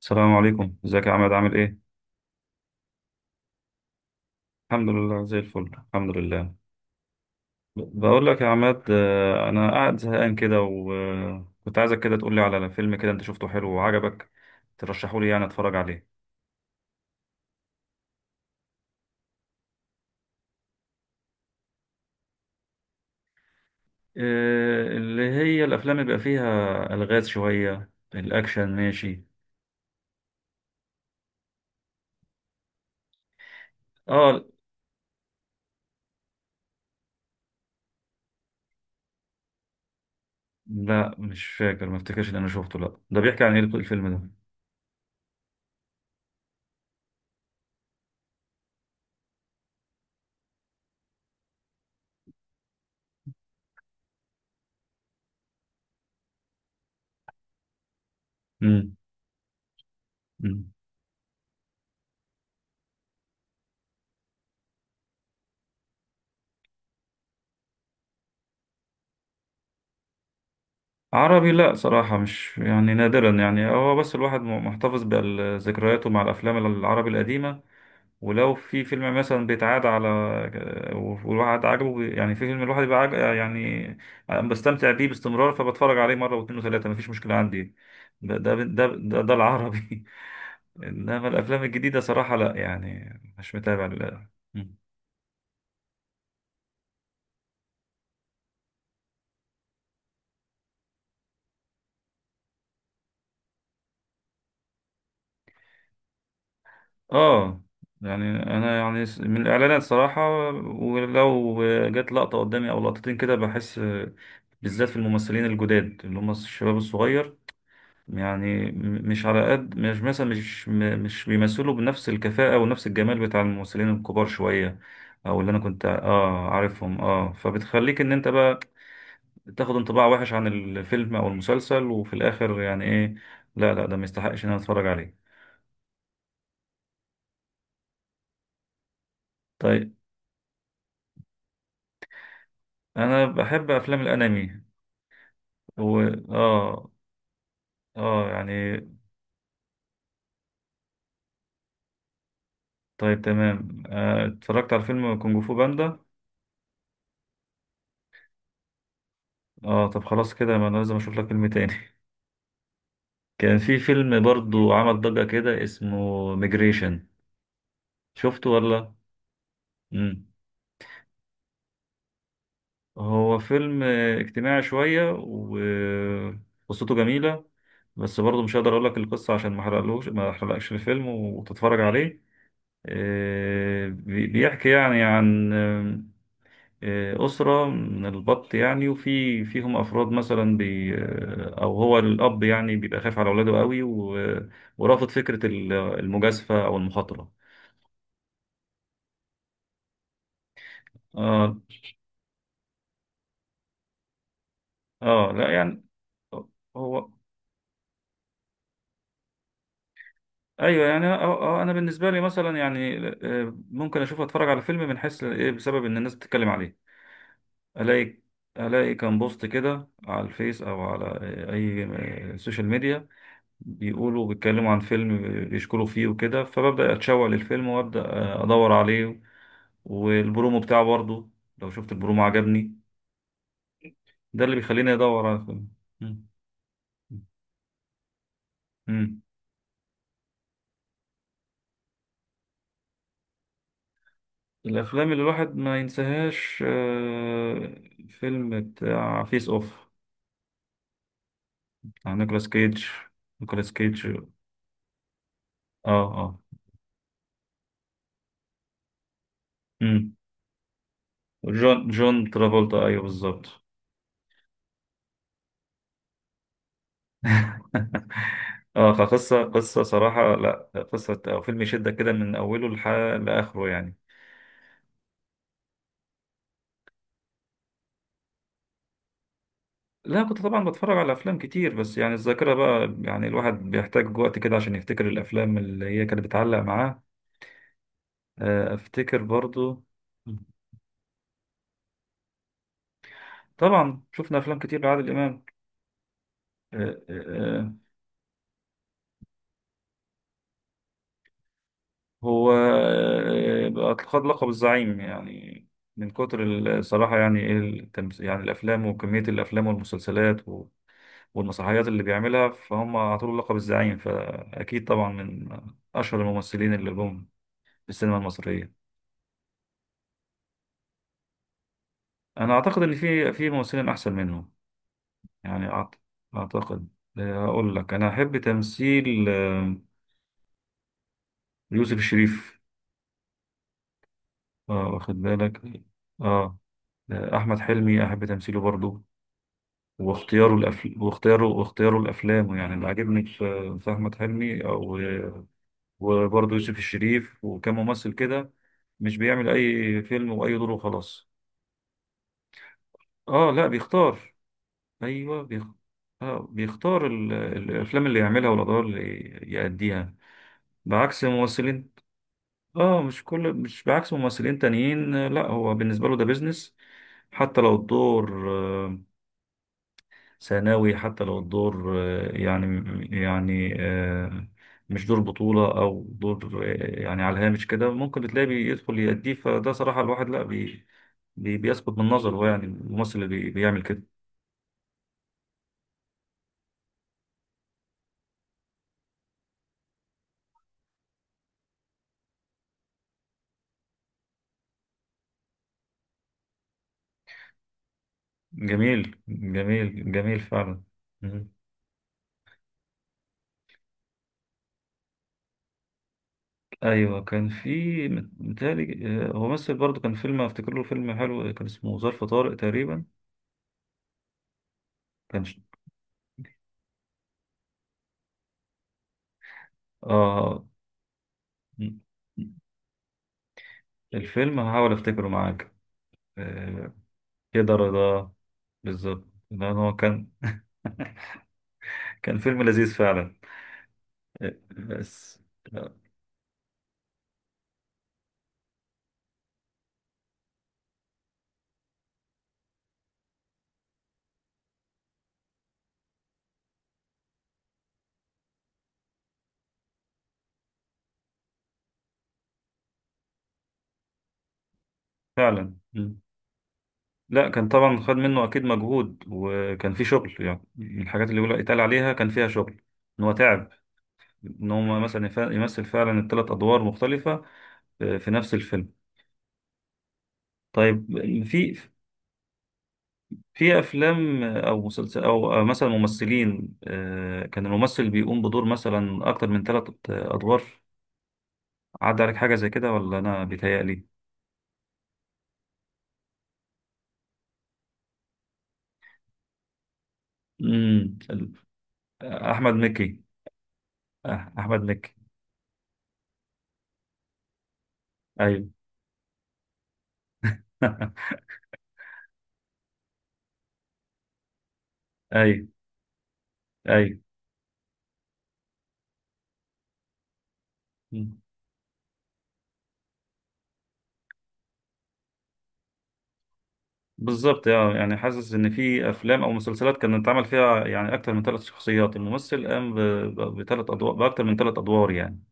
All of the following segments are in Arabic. السلام عليكم، ازيك يا عماد؟ عامل ايه؟ الحمد لله، زي الفل، الحمد لله. بقول لك يا عماد، انا قاعد زهقان كده، وكنت عايزك كده تقول لي على فيلم كده انت شفته حلو وعجبك، ترشحه لي يعني اتفرج عليه. اللي هي الافلام اللي بيبقى فيها الغاز شويه، الاكشن ماشي. اه، لا مش فاكر، ما افتكرش ان انا شفته. لا، ده بيحكي عن ايه الفيلم ده؟ امم عربي؟ لا صراحة، مش يعني، نادرا يعني. هو بس الواحد محتفظ بذكرياته مع الأفلام العربي القديمة، ولو في فيلم مثلا بيتعاد على والواحد عاجبه يعني في فيلم الواحد بيبقى عاجب يعني، بستمتع بيه باستمرار، فبتفرج عليه مرة واتنين وتلاتة، مفيش مشكلة عندي. ده العربي. إنما الأفلام الجديدة صراحة لا، يعني مش متابع للأسف. اه، يعني انا يعني من الاعلانات صراحة، ولو جت لقطة قدامي او لقطتين كده بحس، بالذات في الممثلين الجداد اللي هم الشباب الصغير، يعني م- مش على قد مش مثلا مش م- مش بيمثلوا بنفس الكفاءة ونفس الجمال بتاع الممثلين الكبار شوية، او اللي انا كنت اه عارفهم، اه فبتخليك ان انت بقى تاخد انطباع وحش عن الفيلم او المسلسل، وفي الاخر يعني ايه، لا لا ده ما يستحقش ان انا اتفرج عليه. طيب، انا بحب افلام الانمي. و اه اه يعني طيب تمام. اتفرجت على فيلم كونج فو باندا. اه طب خلاص كده، ما انا لازم اشوف لك فيلم تاني. كان في فيلم برضو عمل ضجة كده، اسمه ميجريشن. شفته ولا؟ مم. هو فيلم اجتماعي شوية، وقصته جميلة، بس برضو مش هقدر اقول لك القصة عشان ما احرقلوش، ما احرقلكش الفيلم وتتفرج عليه. بيحكي يعني عن أسرة من البط يعني، وفي فيهم أفراد مثلا بي، أو هو الأب يعني بيبقى خايف على أولاده قوي، ورافض فكرة المجازفة أو المخاطرة. آه آه، لا يعني هو. أيوه يعني، أنا بالنسبة لي مثلا يعني، ممكن أشوف أتفرج على فيلم من حيث إيه، بسبب إن الناس بتتكلم عليه، ألاقي ألاقي كان بوست كده على الفيس، أو على أي سوشيال ميديا، بيقولوا بيتكلموا عن فيلم، بيشكروا فيه وكده، فببدأ أتشوق للفيلم، وأبدأ أدور عليه، والبرومو بتاعه برضه، لو شفت البرومو عجبني، ده اللي بيخليني أدور على الفيلم. مم. مم. الأفلام اللي الواحد ما ينساهاش، فيلم بتاع فيس أوف، بتاع نيكولاس كيج. نيكولاس كيج، اه. اه. مم. جون ترافولتا، ايوه بالظبط. اه، قصة صراحة لا. قصة أو فيلم يشدك كده من أوله لآخره يعني. لا كنت طبعا بتفرج على افلام كتير، بس يعني الذاكره بقى، يعني الواحد بيحتاج وقت كده عشان يفتكر الافلام اللي هي كانت بتعلق معاه. افتكر برضو. طبعا شفنا افلام كتير لعادل امام. آه، آه، آه، هو بقى خد لقب الزعيم، يعني من كتر الصراحه، يعني ايه يعني الافلام وكميه الافلام والمسلسلات والمسرحيات اللي بيعملها، فهم اعطوا له لقب الزعيم، فاكيد طبعا من اشهر الممثلين اللي جم في السينما المصريه. انا اعتقد ان في ممثلين احسن منهم، يعني اعتقد، اقول لك انا احب تمثيل يوسف الشريف. اه واخد بالك؟ اه. احمد حلمي احب تمثيله برضو، واختياره الافلام، يعني اللي عاجبني في احمد حلمي، او وبرضه يوسف الشريف. وكان ممثل كده مش بيعمل اي فيلم واي دور وخلاص. اه لا بيختار. ايوه آه بيختار الافلام اللي يعملها والادوار اللي يأديها، بعكس ممثلين. اه مش كل مش بعكس ممثلين تانيين، لا هو بالنسبه له ده بيزنس، حتى لو الدور ثانوي، حتى لو الدور يعني آه، مش دور بطولة أو دور يعني على الهامش كده، ممكن تلاقيه بيدخل يأديه، فده صراحة الواحد لا بيسقط من نظره، هو يعني الممثل اللي بيعمل كده. جميل جميل جميل فعلا. مم. ايوه كان في، متهيألي هو مثل برضه، كان فيلم افتكر له فيلم حلو، كان اسمه ظرف طارق تقريبا. كان ش- اه. مم. الفيلم هحاول افتكره معاك. آه، كده رضا، بالظبط. لان هو كان كان فيلم لذيذ فعلا. آه، بس آه، فعلا. مم. لا كان طبعا خد منه اكيد مجهود، وكان في شغل، يعني من الحاجات اللي يقول يتقال عليها كان فيها شغل، ان هو تعب، ان هو مثلا يمثل فعلا الثلاث ادوار مختلفه في نفس الفيلم. طيب، في في افلام او مسلسل او أو مثلا ممثلين، كان الممثل بيقوم بدور مثلا اكتر من ثلاث ادوار. عدى عليك حاجه زي كده ولا انا بيتهيألي؟ امم احمد مكي. أح- احمد مكي. ايوه. ايوه ايوه بالظبط. اه، يعني حاسس ان في افلام او مسلسلات كان اتعمل فيها يعني اكتر من ثلاث شخصيات، الممثل قام بثلاث ادوار، باكتر من ثلاث ادوار يعني.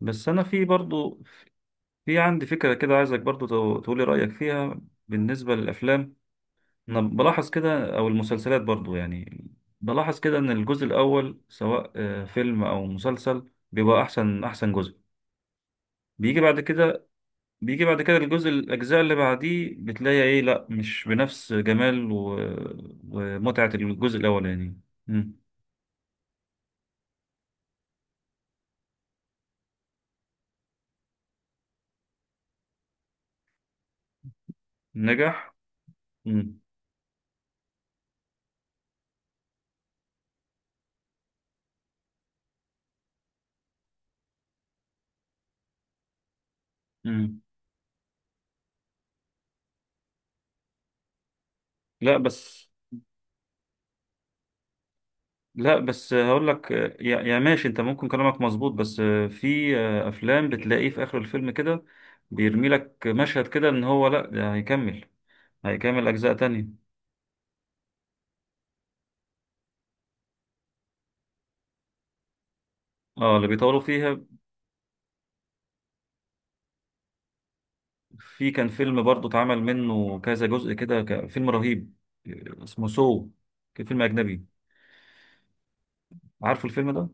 بس انا في برضو في عندي فكره كده، عايزك برضو تقولي رايك فيها بالنسبه للافلام. انا بلاحظ كده، او المسلسلات برضو يعني، بلاحظ كده ان الجزء الاول، سواء فيلم او مسلسل، بيبقى احسن احسن جزء بيجي بعد كده. الجزء، الأجزاء اللي بعديه، بتلاقي إيه، لأ مش بنفس جمال و... ومتعة الجزء الأولاني. مم. نجح. مم. مم. لأ بس، لأ بس هقول لك يا... يا ماشي، أنت ممكن كلامك مظبوط، بس في أفلام بتلاقيه في آخر الفيلم كده بيرمي لك مشهد كده، إن هو لأ ده هيكمل، هيكمل أجزاء تانية. اه اللي بيطولوا فيها. في كان فيلم برضو اتعمل منه كذا جزء كده، فيلم رهيب، اسمه سو، كان فيلم أجنبي. عارفه الفيلم ده؟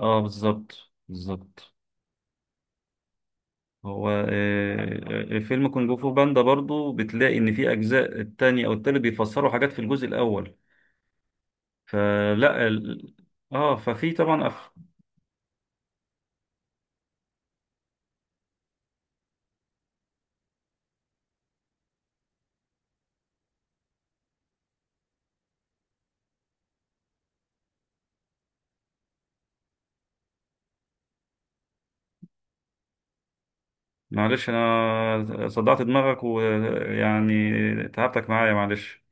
اه بالظبط بالظبط. هو فيلم كونج فو باندا برضو بتلاقي ان في اجزاء التاني او التالت بيفسروا حاجات في الجزء الاول. فلا اه، ففي طبعا معلش انا صدعت دماغك، ويعني تعبتك معايا، معلش.